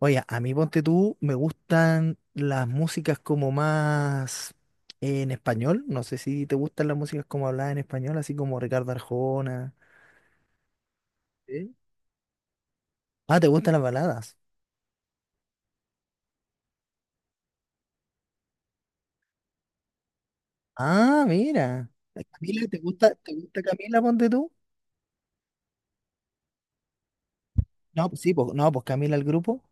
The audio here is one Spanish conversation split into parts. Oye, a mí ponte tú, me gustan las músicas como más en español. No sé si te gustan las músicas como habladas en español, así como Ricardo Arjona. ¿Sí? Ah, ¿te gustan las baladas? Ah, mira. Camila, ¿te gusta Camila, ponte tú? No, pues sí, pues, no, pues Camila el grupo.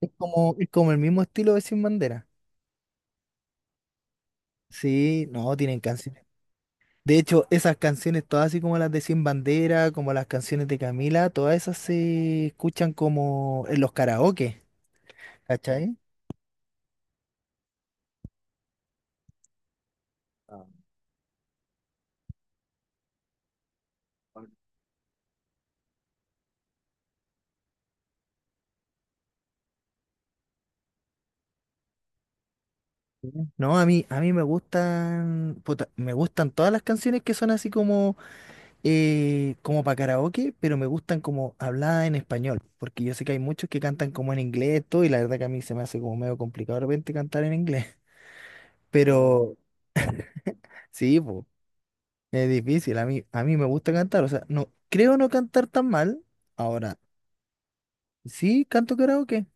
Es como el mismo estilo de Sin Bandera. Sí, no, tienen canciones. De hecho, esas canciones, todas así como las de Sin Bandera, como las canciones de Camila, todas esas se escuchan como en los karaoke. ¿Cachai? Sí. No, a mí me gustan, puta, me gustan todas las canciones que son así como, como para karaoke, pero me gustan como habladas en español, porque yo sé que hay muchos que cantan como en inglés todo, y la verdad que a mí se me hace como medio complicado de repente cantar en inglés, pero sí, po, es difícil, a mí me gusta cantar, o sea, no, creo no cantar tan mal, ahora, sí, canto karaoke.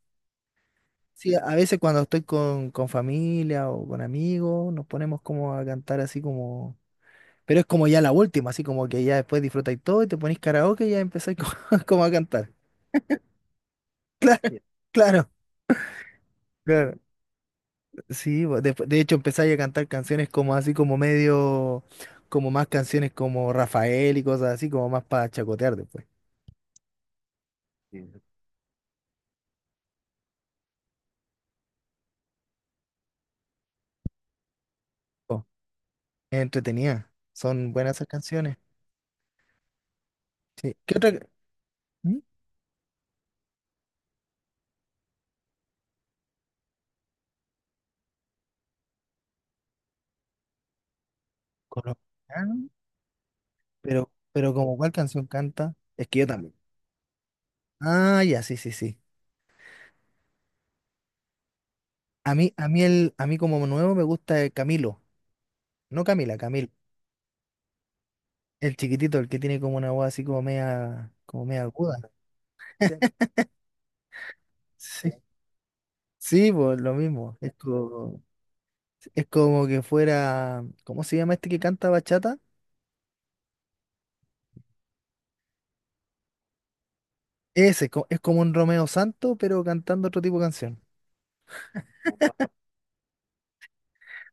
Sí, a veces cuando estoy con familia o con amigos, nos ponemos como a cantar así como. Pero es como ya la última, así como que ya después disfrutáis todo y te ponéis karaoke y ya empezáis como, como a cantar. Claro, claro, sí, de hecho empezáis a cantar canciones como así como medio, como más canciones como Rafael y cosas así, como más para chacotear después. Sí. Oh, es entretenida, son buenas esas canciones. Sí. ¿Qué otra? ¿Mm? Colombiano, pero como cuál canción canta, es que yo también. Ah, ya, sí, sí, sí. A mí el, a mí como nuevo me gusta el Camilo, no Camila, Camilo. El chiquitito, el que tiene como una voz así como media aguda. Sí. Sí. Sí, pues lo mismo. Es como que fuera, ¿cómo se llama este que canta bachata? Ese, es como un Romeo Santo, pero cantando otro tipo de canción.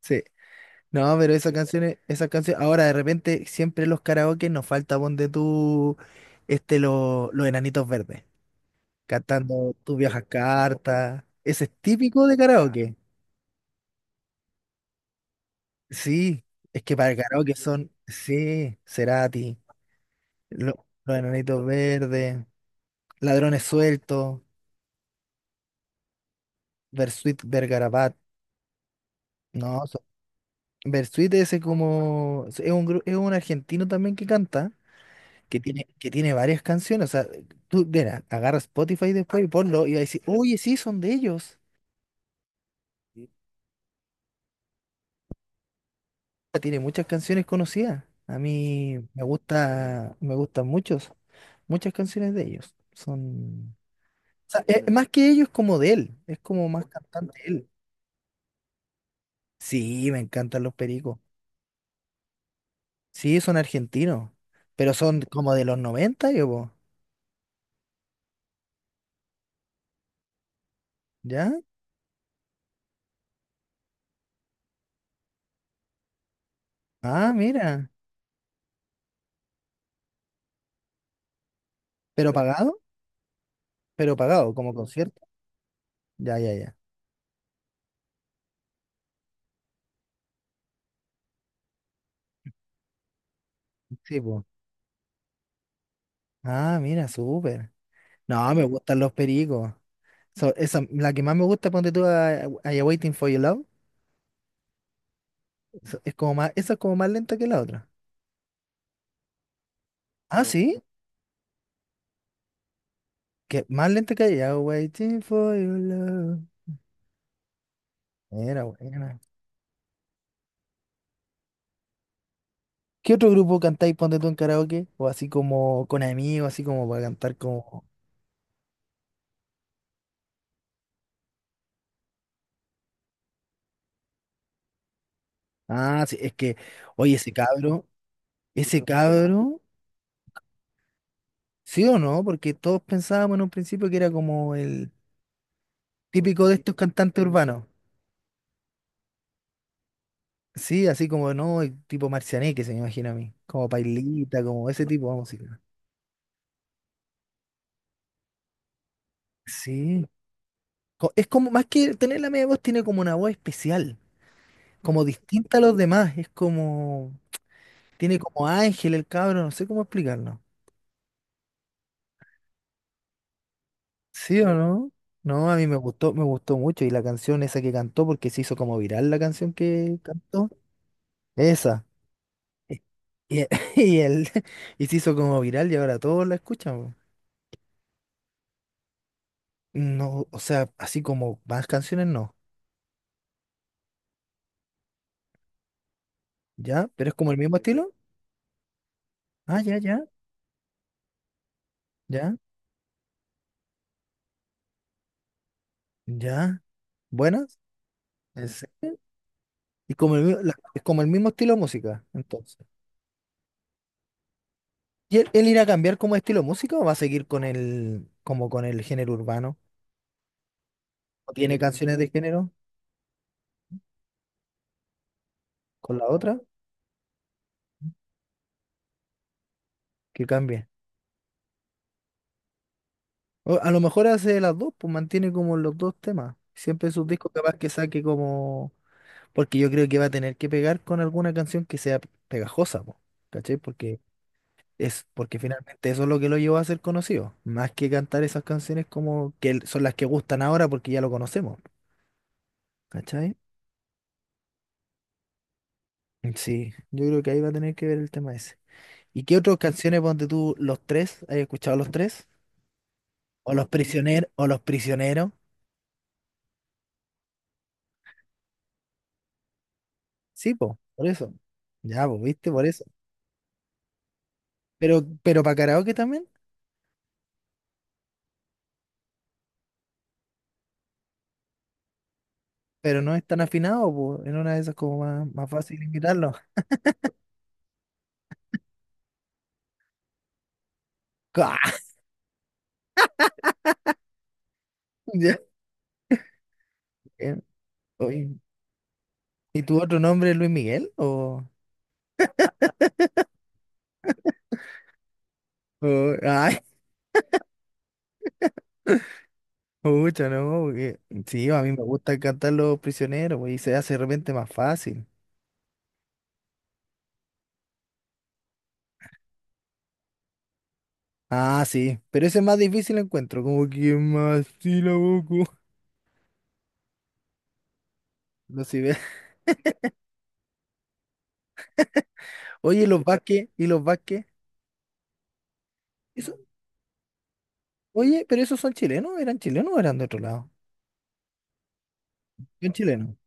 Sí. No, pero esas canciones, ahora de repente siempre en los karaoke nos falta ponte tú, este, los enanitos verdes, cantando Tú viajas carta. Ese es típico de Ah, karaoke. Sí, es que para el karaoke son, sí, Cerati, los Enanitos Verdes, Ladrones Sueltos, Bersuit Vergarabat, no, son- Bersuit ese como, es un, es un argentino también que canta, que tiene varias canciones, o sea, tú, mira, agarra Spotify después y ponlo y vas a decir, oye, sí, son de ellos. Tiene muchas canciones conocidas, a mí me gusta, me gustan muchos, muchas canciones de ellos, son... sea, más que ellos, es como de él. Es como más Ujú. Cantante él. Sí, me encantan los pericos. Sí, son argentinos. Pero son como de los 90 yo, po. ¿Ya? Ah, mira. ¿Pero pagado? ¿Pero pagado? ¿Como concierto? Ya, ya, ya. Sí, pues. Ah, mira, súper. No, me gustan los pericos. Esa, la que más me gusta, ponte tú a Ya Waiting for Your Love. Es como más, esa es como más lenta que la otra. Ah, sí. Que más lenta que Ya Waiting for Your Love. Mira, bueno. ¿Qué otro grupo cantáis, ponte tú en karaoke? O así como con amigos, así como para cantar como... Ah, sí, es que, oye, ese cabro, ¿sí o no? Porque todos pensábamos en un principio que era como el típico de estos cantantes urbanos. Sí, así como, no, el tipo Marcianeque, se me imagina a mí. Como Pailita, como ese tipo de música. Sí. Es como, más que tener la media voz, tiene como una voz especial, como distinta a los demás. Es como, tiene como ángel el cabro, no sé cómo explicarlo. ¿Sí o no? No, a mí me gustó mucho. Y la canción esa que cantó, porque se hizo como viral la canción que cantó. Esa. Y, y- y él, y se hizo como viral y ahora todos la escuchan. Po. No, o sea, así como más canciones no. ¿Ya? ¿Pero es como el mismo estilo? Ah, ya, ya. ¿Buenas? ¿En serio? Y como el, es como el mismo estilo de música, entonces. ¿Y él irá a cambiar como estilo de música o va a seguir con el, como con el género urbano? ¿O tiene canciones de género con la otra? Que cambie. O a lo mejor hace las dos, pues mantiene como los dos temas. Siempre sus discos capaz que saque como... Porque yo creo que va a tener que pegar con alguna canción que sea pegajosa, po, ¿cachai? Porque es, porque finalmente eso es lo que lo llevó a ser conocido. Más que cantar esas canciones como que son las que gustan ahora porque ya lo conocemos, ¿cachai? Sí, yo creo que ahí va a tener que ver el tema ese. ¿Y qué otras canciones ponte tú los tres? ¿Has escuchado los tres? ¿O los prisioneros? Sí, po, por eso. Ya, pues, viste, por eso. Pero para karaoke también, pero no es tan afinado, pues. En una de esas como más, más fácil invitarlo. Ya. Eh, oye, ¿y tu otro nombre es Luis Miguel? O, ay, pucha, no, porque- sí, a mí me gusta cantar Los Prisioneros, pues, y se hace de repente más fácil. Ah, sí, pero ese es más difícil encuentro, como que más sílabo, no si ve. Oye, ¿y los Vázquez, eso, oye, pero esos son chilenos, ¿eran chilenos o eran de otro lado? Son chilenos.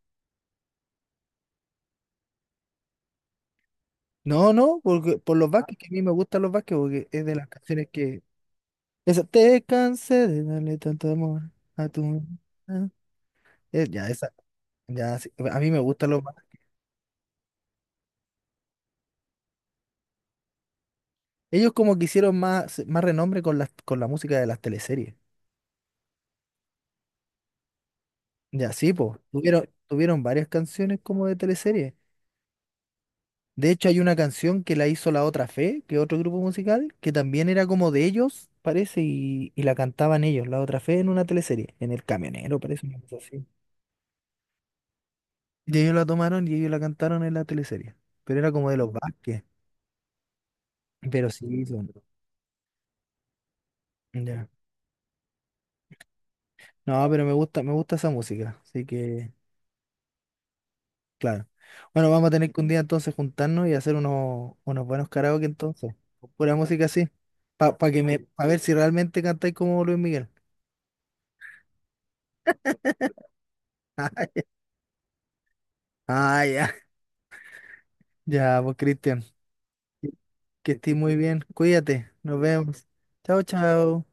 No, no, porque, por los Vázquez, que a mí me gustan los Vázquez, porque es de las canciones que... Esa, te cansé de darle tanto amor a tu... ah", ya, esa, ya, sí, a mí me gustan los Vázquez. Ellos como que hicieron más, más renombre con las, con la música de las teleseries. Ya, sí, pues, tuvieron, tuvieron varias canciones como de teleseries. De hecho, hay una canción que la hizo La Otra Fe, que es otro grupo musical, que también era como de ellos, parece, y la cantaban ellos, La Otra Fe, en una teleserie, en El Camionero, parece, una cosa así. Y ellos la tomaron y ellos la cantaron en la teleserie. Pero era como de los Vázquez. Pero sí, son- ya. No, pero me gusta esa música. Así que, claro. Bueno, vamos a tener que un día entonces juntarnos y hacer unos, unos buenos karaoke entonces. Con pura música así. Para que me, pa ver si realmente cantáis como Luis Miguel. Ah, ya. Ya, pues Cristian. Que estés muy bien. Cuídate. Nos vemos. Chao, chao.